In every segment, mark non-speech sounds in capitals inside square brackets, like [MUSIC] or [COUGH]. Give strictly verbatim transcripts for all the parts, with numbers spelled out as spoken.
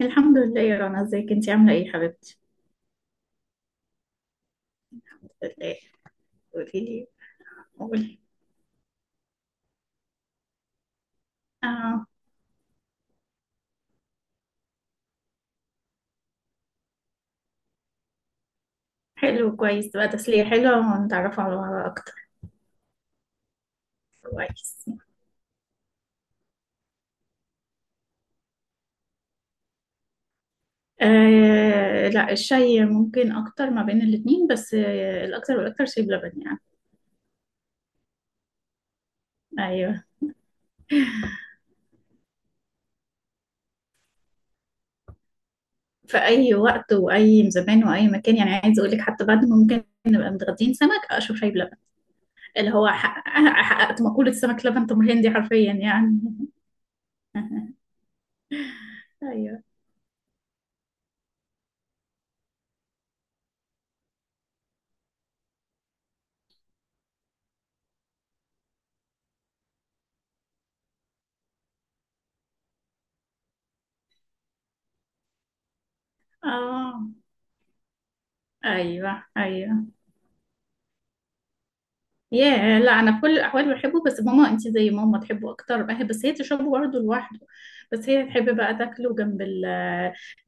الحمد لله يا رنا، ازيك انتي عاملة ايه يا حبيبتي؟ الحمد لله. قولي لي. قولي. اه. حلو، كويس بقى، تسلية حلوة ونتعرف على بعض اكتر. كويس. آه لا، الشاي ممكن اكتر ما بين الاتنين، بس آه الاكتر والاكتر شاي بلبن يعني. ايوه. في اي وقت واي زمان واي مكان، يعني عايز اقول لك حتى بعد ما ممكن نبقى متغدين سمك اشرب شاي بلبن. اللي هو حقق- حققت مقولة سمك لبن تمر هندي حرفيا يعني. [LAUGHS] ايوه. اه. ايوه. ايوه. ياه، لا انا في كل الاحوال بحبه، بس ماما انت زي ماما تحبه اكتر بقى، بس هي تشربه برضه لوحده. بس هي تحب بقى تاكله جنب ال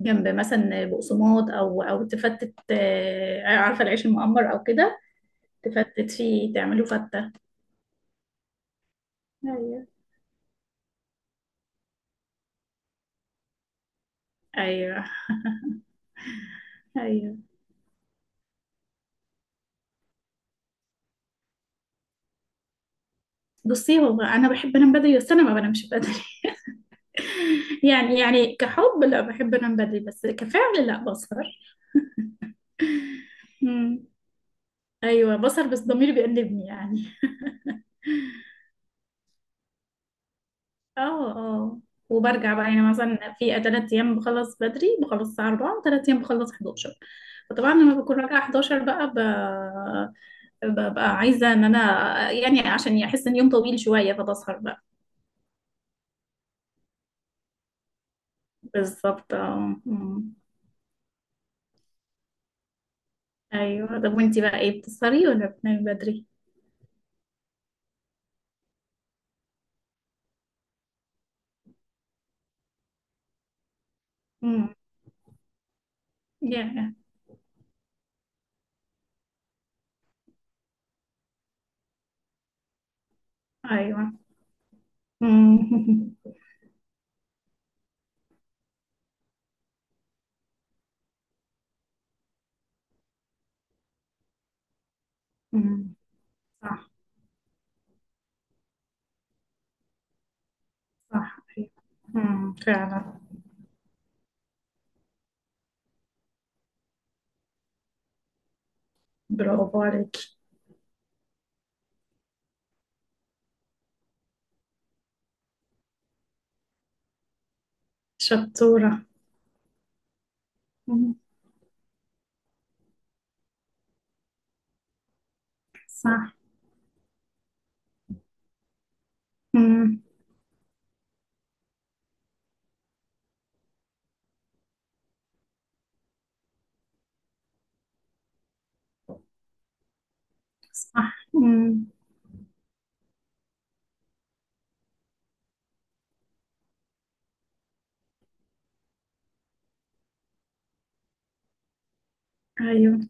جنب مثلا بقسماط او او تفتت، آه، عارفه العيش المقمر او كده. تفتت فيه تعمله فته. ايوه. ايوه. ايوه. بصي هو انا بحب انام بدري بس انا ما بنامش بدري. [LAUGHS] يعني يعني كحب لا، بحب انام بدري، بس كفعل لا، بسهر. مم. ايوه، بسهر بس ضميري بيأنبني يعني. اه. اه. وبرجع بقى، يعني مثلا في تلات ايام بخلص بدري، بخلص الساعة أربعة، وتلات ايام بخلص إحداشر. فطبعا لما بكون راجعة إحداشر بقى ب- ببقى عايزة ان انا يعني عشان احس ان يوم طويل شوية فبسهر بقى. بالظبط. اه. أمم. ايوه. طب وانتي بقى ايه، بتسهري ولا بتنامي بدري؟ امم. يا. ايوه. أمم. [LAUGHS] أمم. صح. صح. أيوة. أمم. فعلا. برافو عليكي. شطورة. أمم. صح. أمم. صح. مم. ايوه.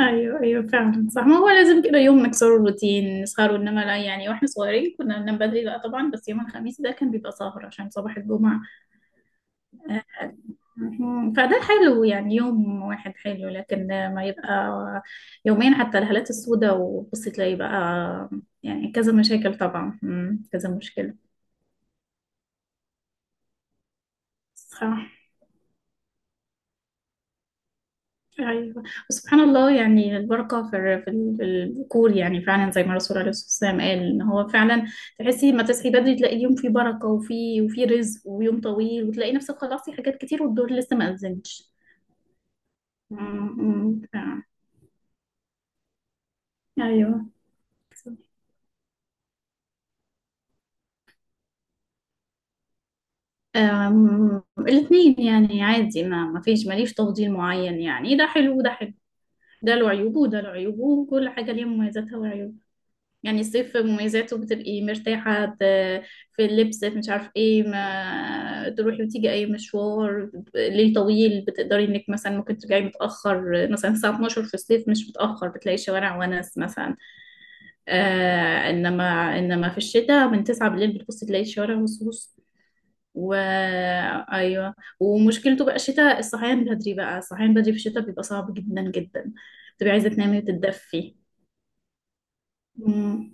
ايوه. ايوه فعلا، صح، ما هو لازم كده يوم نكسر الروتين نسهروا، انما لا يعني، واحنا صغيرين كنا بننام بدري لا طبعا، بس يوم الخميس ده كان بيبقى سهر عشان صباح الجمعة. مم. فده حلو يعني، يوم واحد حلو، لكن ما يبقى يومين، حتى الهالات السوداء، وبصي تلاقي بقى يعني كذا مشاكل طبعا. مم. كذا مشكلة. صح. ايوه. وسبحان الله، يعني البركه في الر- في ال- في الذكور، يعني فعلا زي ما الرسول عليه الصلاه والسلام قال ان هو فعلا، تحسي ما تصحي بدري تلاقي يوم فيه بركه وفي وفي رزق ويوم طويل، وتلاقي نفسك خلصتي حاجات كتير والدور لسه ما اذنش. أمم، فعلاً. ايوه. أم، الاتنين يعني عادي، ما ما فيش ماليش تفضيل معين يعني، ده حلو وده حلو، ده له عيوبه وده له عيوبه وكل حاجه ليها مميزاتها وعيوبها. يعني الصيف مميزاته، بتبقي مرتاحة ت- في اللبس، في مش عارف ايه، ما تروحي وتيجي اي مشوار ليل طويل، بتقدري انك مثلا ممكن ترجعي متأخر مثلا الساعة اتناشر في الصيف مش متأخر، بتلاقي الشوارع ونس مثلا. آه، انما انما في الشتاء من تسعة بالليل بتبصي تلاقي الشوارع مصوص و ايوه. ومشكلته بقى الشتاء الصحيان بدري، بقى الصحيان بدري في الشتاء بيبقى صعب جدا جدا، بتبقي عايزة تنامي وتتدفي. مم.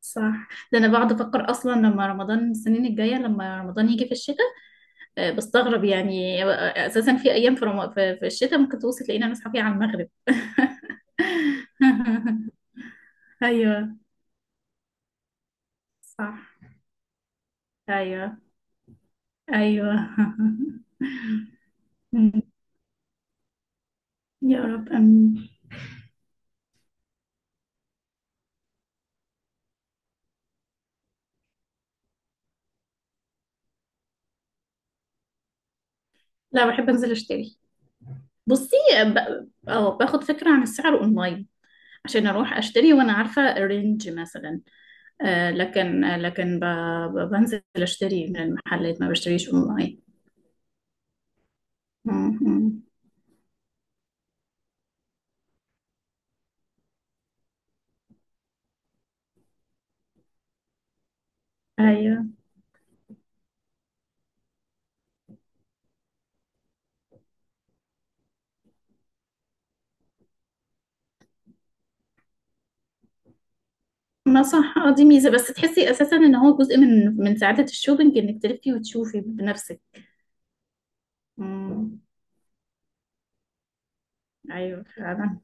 صح. ده انا بقعد افكر اصلا لما رمضان السنين الجايه، لما رمضان يجي في الشتاء، آه، بستغرب يعني، آه، اساسا في ايام في رم... في في الشتاء ممكن توصل تلاقينا نصحى فيها على المغرب. [LAUGHS] ايوه. صح. ايوه. ايوه. [LAUGHS] يا رب امين. لا، بحب انزل اشتري. بصي ب... اه، باخد فكره عن السعر اونلاين عشان اروح اشتري وانا عارفه الرينج مثلا. آه، لكن آه، لكن ب... ب- بنزل اشتري من المحلات، ما بشتريش اونلاين. مم. ايوه. ما صح، اه دي ميزه، بس تحسي اساسا ان هو جزء من من سعاده الشوبينج انك تلفي وتشوفي بنفسك. مم. ايوه فعلا.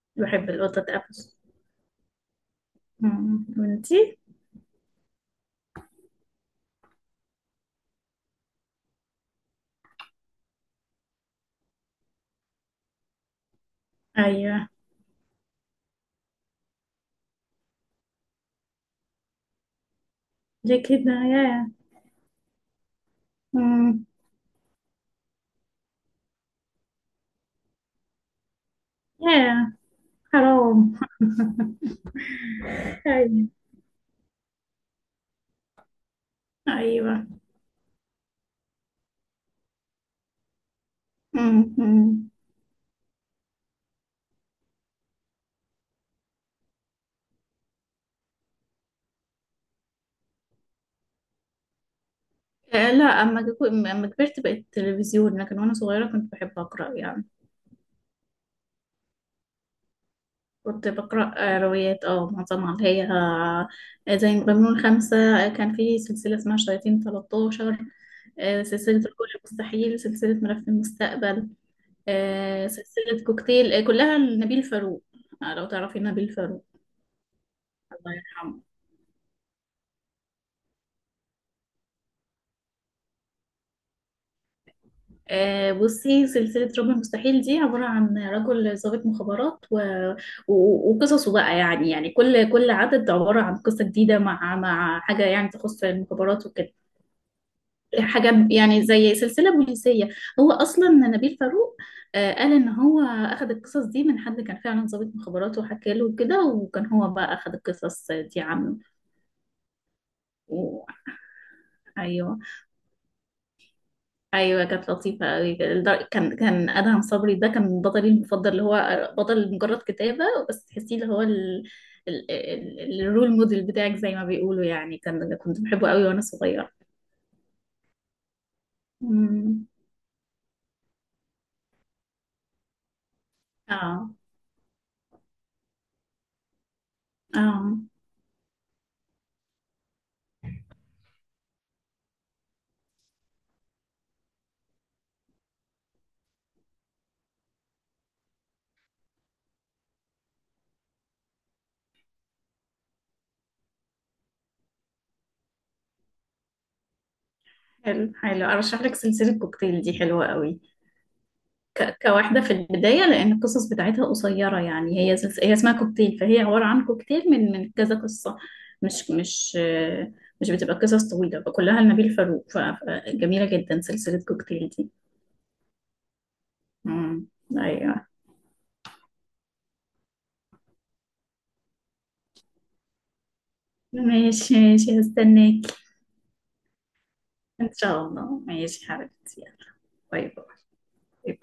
[LAUGHS] بحب القطط قوي. مم. وانتي؟ ايوه. ليه كده يا. مم. يا حرام. [LAUGHS] ايوه. ايوه. مم. مم. آه لا، اما جو- اما كبرت بقيت تلفزيون، لكن وانا صغيره كنت بحب اقرا يعني. كنت بقرأ روايات، اه معظمها اللي هي، آه، زي مجنون خمسة، آه، كان في سلسلة اسمها شياطين تلتاشر، آه، سلسلة الكل المستحيل، سلسلة ملف المستقبل، آه، سلسلة كوكتيل، آه، كلها لنبيل فاروق. آه، لو تعرفي نبيل فاروق، الله يرحمه. آه، بصي سلسلة رب المستحيل دي عبارة عن رجل ضابط مخابرات و... و... وقصصه بقى، يعني يعني كل كل عدد عبارة عن قصة جديدة مع مع حاجة يعني تخص المخابرات وكده. حاجة يعني زي سلسلة بوليسية. هو أصلا نبيل فاروق، آه، قال إن هو أخد القصص دي من حد كان فعلا ضابط مخابرات وحكى له كده، وكان هو بقى أخد القصص دي عنه و... أيوه. أيوه كانت لطيفة أوي، الد- كان كان أدهم صبري ده كان بطلي المفضل، اللي هو بطل مجرد كتابة بس تحسيه اللي هو ال... ال... ال... الرول موديل بتاعك زي ما بيقولوا يعني، كان كنت بحبه أوي وأنا صغيرة. مم. اه. اه. حلو، حلو، ارشح لك سلسله كوكتيل دي حلوه قوي. ك... كواحده في البدايه، لان القصص بتاعتها قصيره يعني، هي سلس... هي اسمها كوكتيل، فهي عباره عن كوكتيل من من كذا قصه، مش مش آه، مش بتبقى قصص طويله، فكلها لنبيل فاروق، ف... فجميله جدا سلسله كوكتيل دي. امم. ايوه. ماشي ماشي، هستناك. ان شاء الله، ماشي حبيبتي، يلا. باي باي.